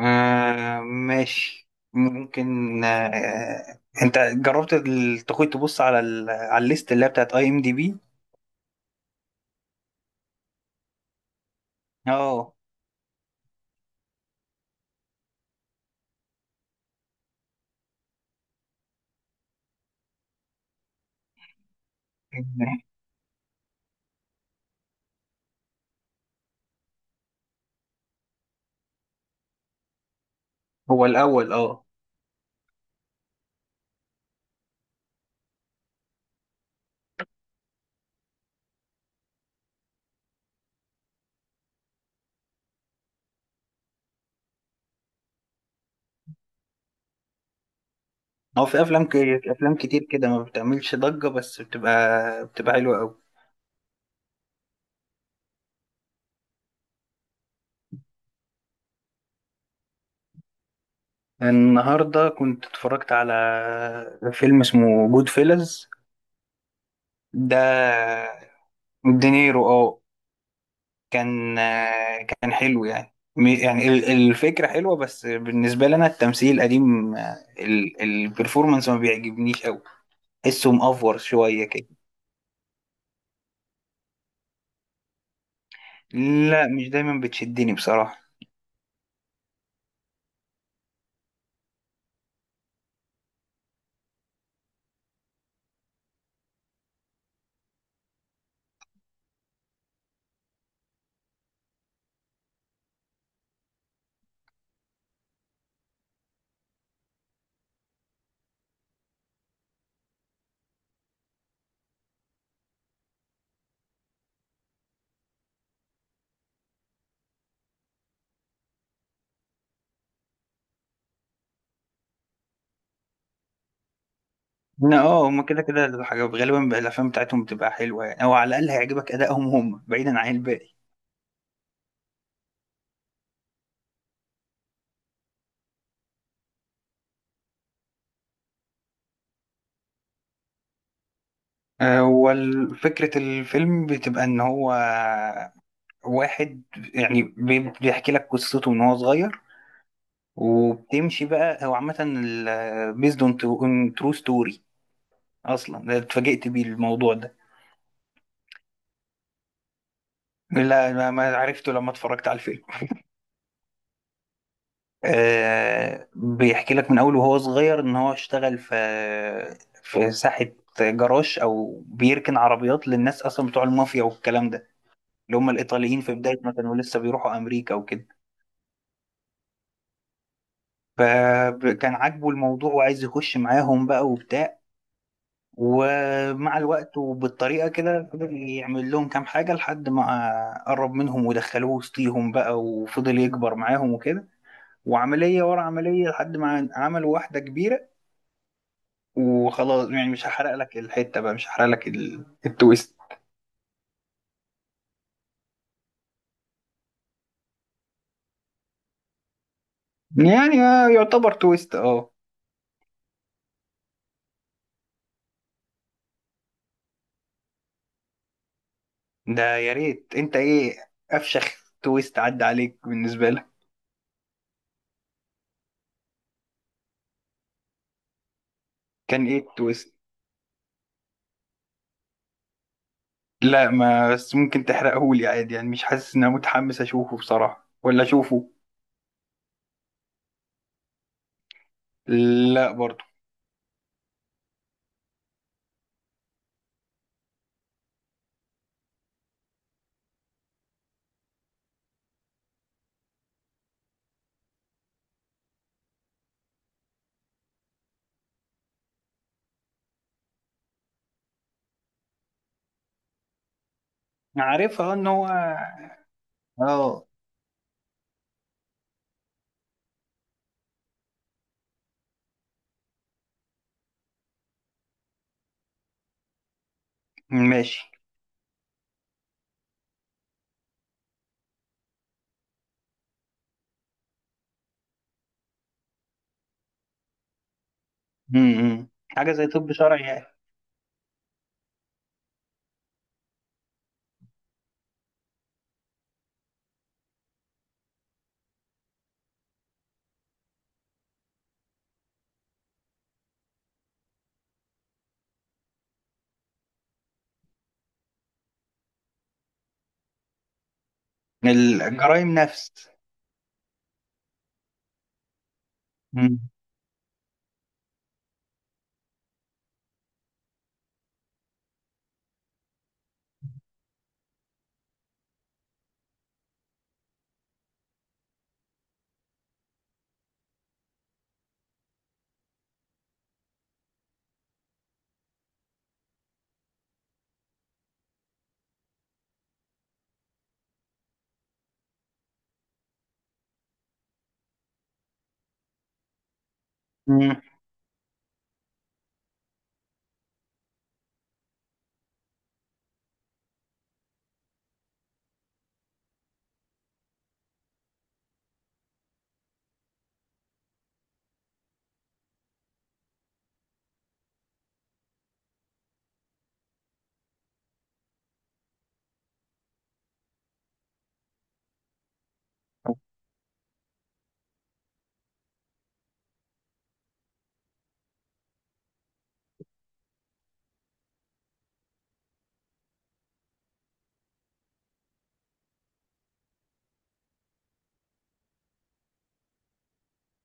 ماشي، ممكن انت جربت تخوي تبص على الليست اللي هي بتاعت IMDb. اه، هو الاول. اه، هو في افلام افلام كتير كده ما بتعملش ضجة، بس بتبقى حلوة قوي. النهارده كنت اتفرجت على فيلم اسمه جود فيلز. ده دينيرو، اه. كان حلو، يعني يعني الفكرة حلوة، بس بالنسبة لي أنا التمثيل قديم. البرفورمانس ما بيعجبنيش أوي. حسه مأفور شوية كده. لا، مش دايما بتشدني بصراحة. لا، اه، هما كده كده الحاجة غالبا بقى الأفلام بتاعتهم بتبقى حلوة، يعني أو على الأقل هيعجبك أدائهم هم بعيدا عن الباقي. هو فكرة الفيلم بتبقى إن هو واحد، يعني بيحكي لك قصته من هو صغير. وبتمشي بقى هو عامة بيزد اون ترو ستوري. اصلا ده اتفاجئت بيه الموضوع ده. لا، ما عرفته لما اتفرجت على الفيلم. آه، بيحكي لك من اول وهو صغير ان هو اشتغل في ساحة، جراج او بيركن عربيات للناس اصلا بتوع المافيا والكلام ده. اللي هم الايطاليين في بداية ما كانوا لسه بيروحوا امريكا وكده. فكان عاجبه الموضوع وعايز يخش معاهم بقى وبتاع. ومع الوقت وبالطريقة كده فضل يعمل لهم كام حاجة لحد ما قرب منهم ودخلوه وسطيهم بقى وفضل يكبر معاهم وكده. وعملية ورا عملية لحد ما عمل واحدة كبيرة. وخلاص يعني مش هحرق لك الحتة بقى، مش هحرق لك التويست. يعني يعتبر تويست، اه. ده يا ريت، انت ايه افشخ تويست عدى عليك بالنسبة لك؟ كان ايه التويست؟ لا، ما بس ممكن تحرقهولي عادي، يعني مش حاسس ان انا متحمس اشوفه بصراحة ولا اشوفه. لا برضو. عارفها ان هو، اه. ماشي. حاجة زي طب شرعي يعني. الجرائم نفس. امم.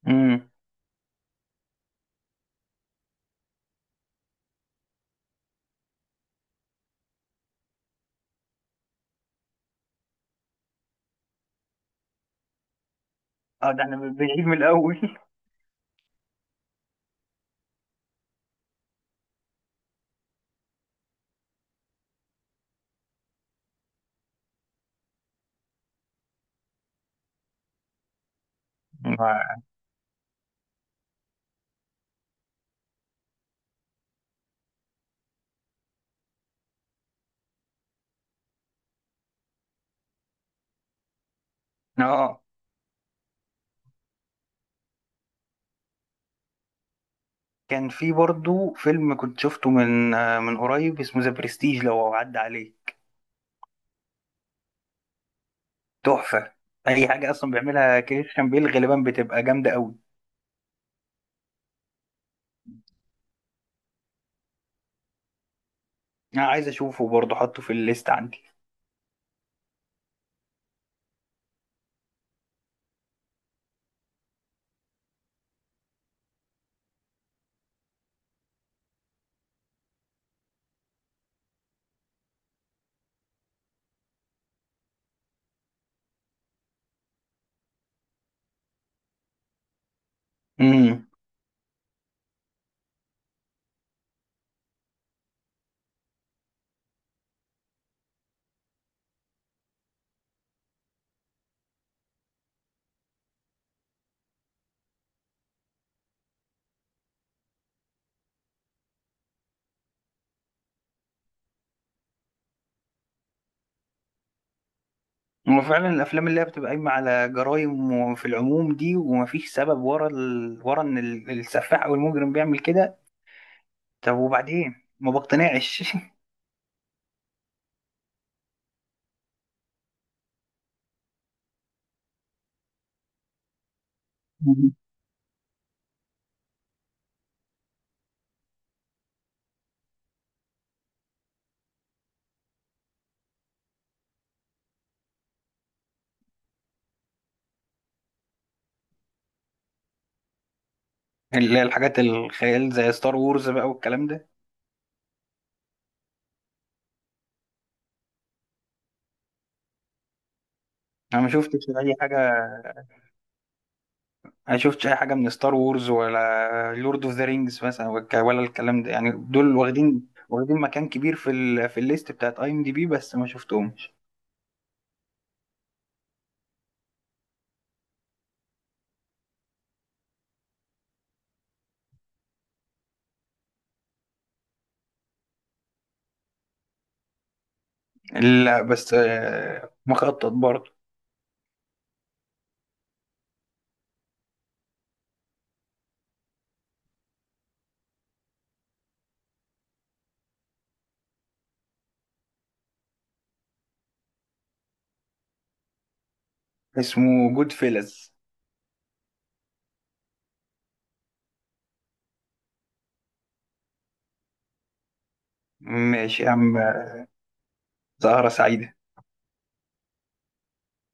امم. اه، ده احنا بنعيد من الاول. اه. كان في برضو فيلم كنت شفته من قريب اسمه ذا برستيج، لو عدى عليه. تحفة. اي حاجة اصلا بيعملها كريستيان بيل غالبا بتبقى جامدة قوي. انا عايز اشوفه برضو، حطه في الليست عندي. مم. هو فعلا الافلام اللي هي بتبقى قايمه على جرائم في العموم دي ومفيش سبب ورا ان السفاح او المجرم بيعمل كده. طب وبعدين ما بقتنعش. اللي هي الحاجات الخيال زي ستار وورز بقى والكلام ده. انا ما شفتش اي حاجه. ما شفتش اي حاجه من ستار وورز ولا لورد اوف ذا رينجز مثلا ولا الكلام ده، يعني دول واخدين واخدين مكان كبير في الليست بتاعت IMDb، بس ما شفتهمش. لا بس، مخطط برضه. اسمه جود فيلز. ماشي يا عم. سهرة سعيدة.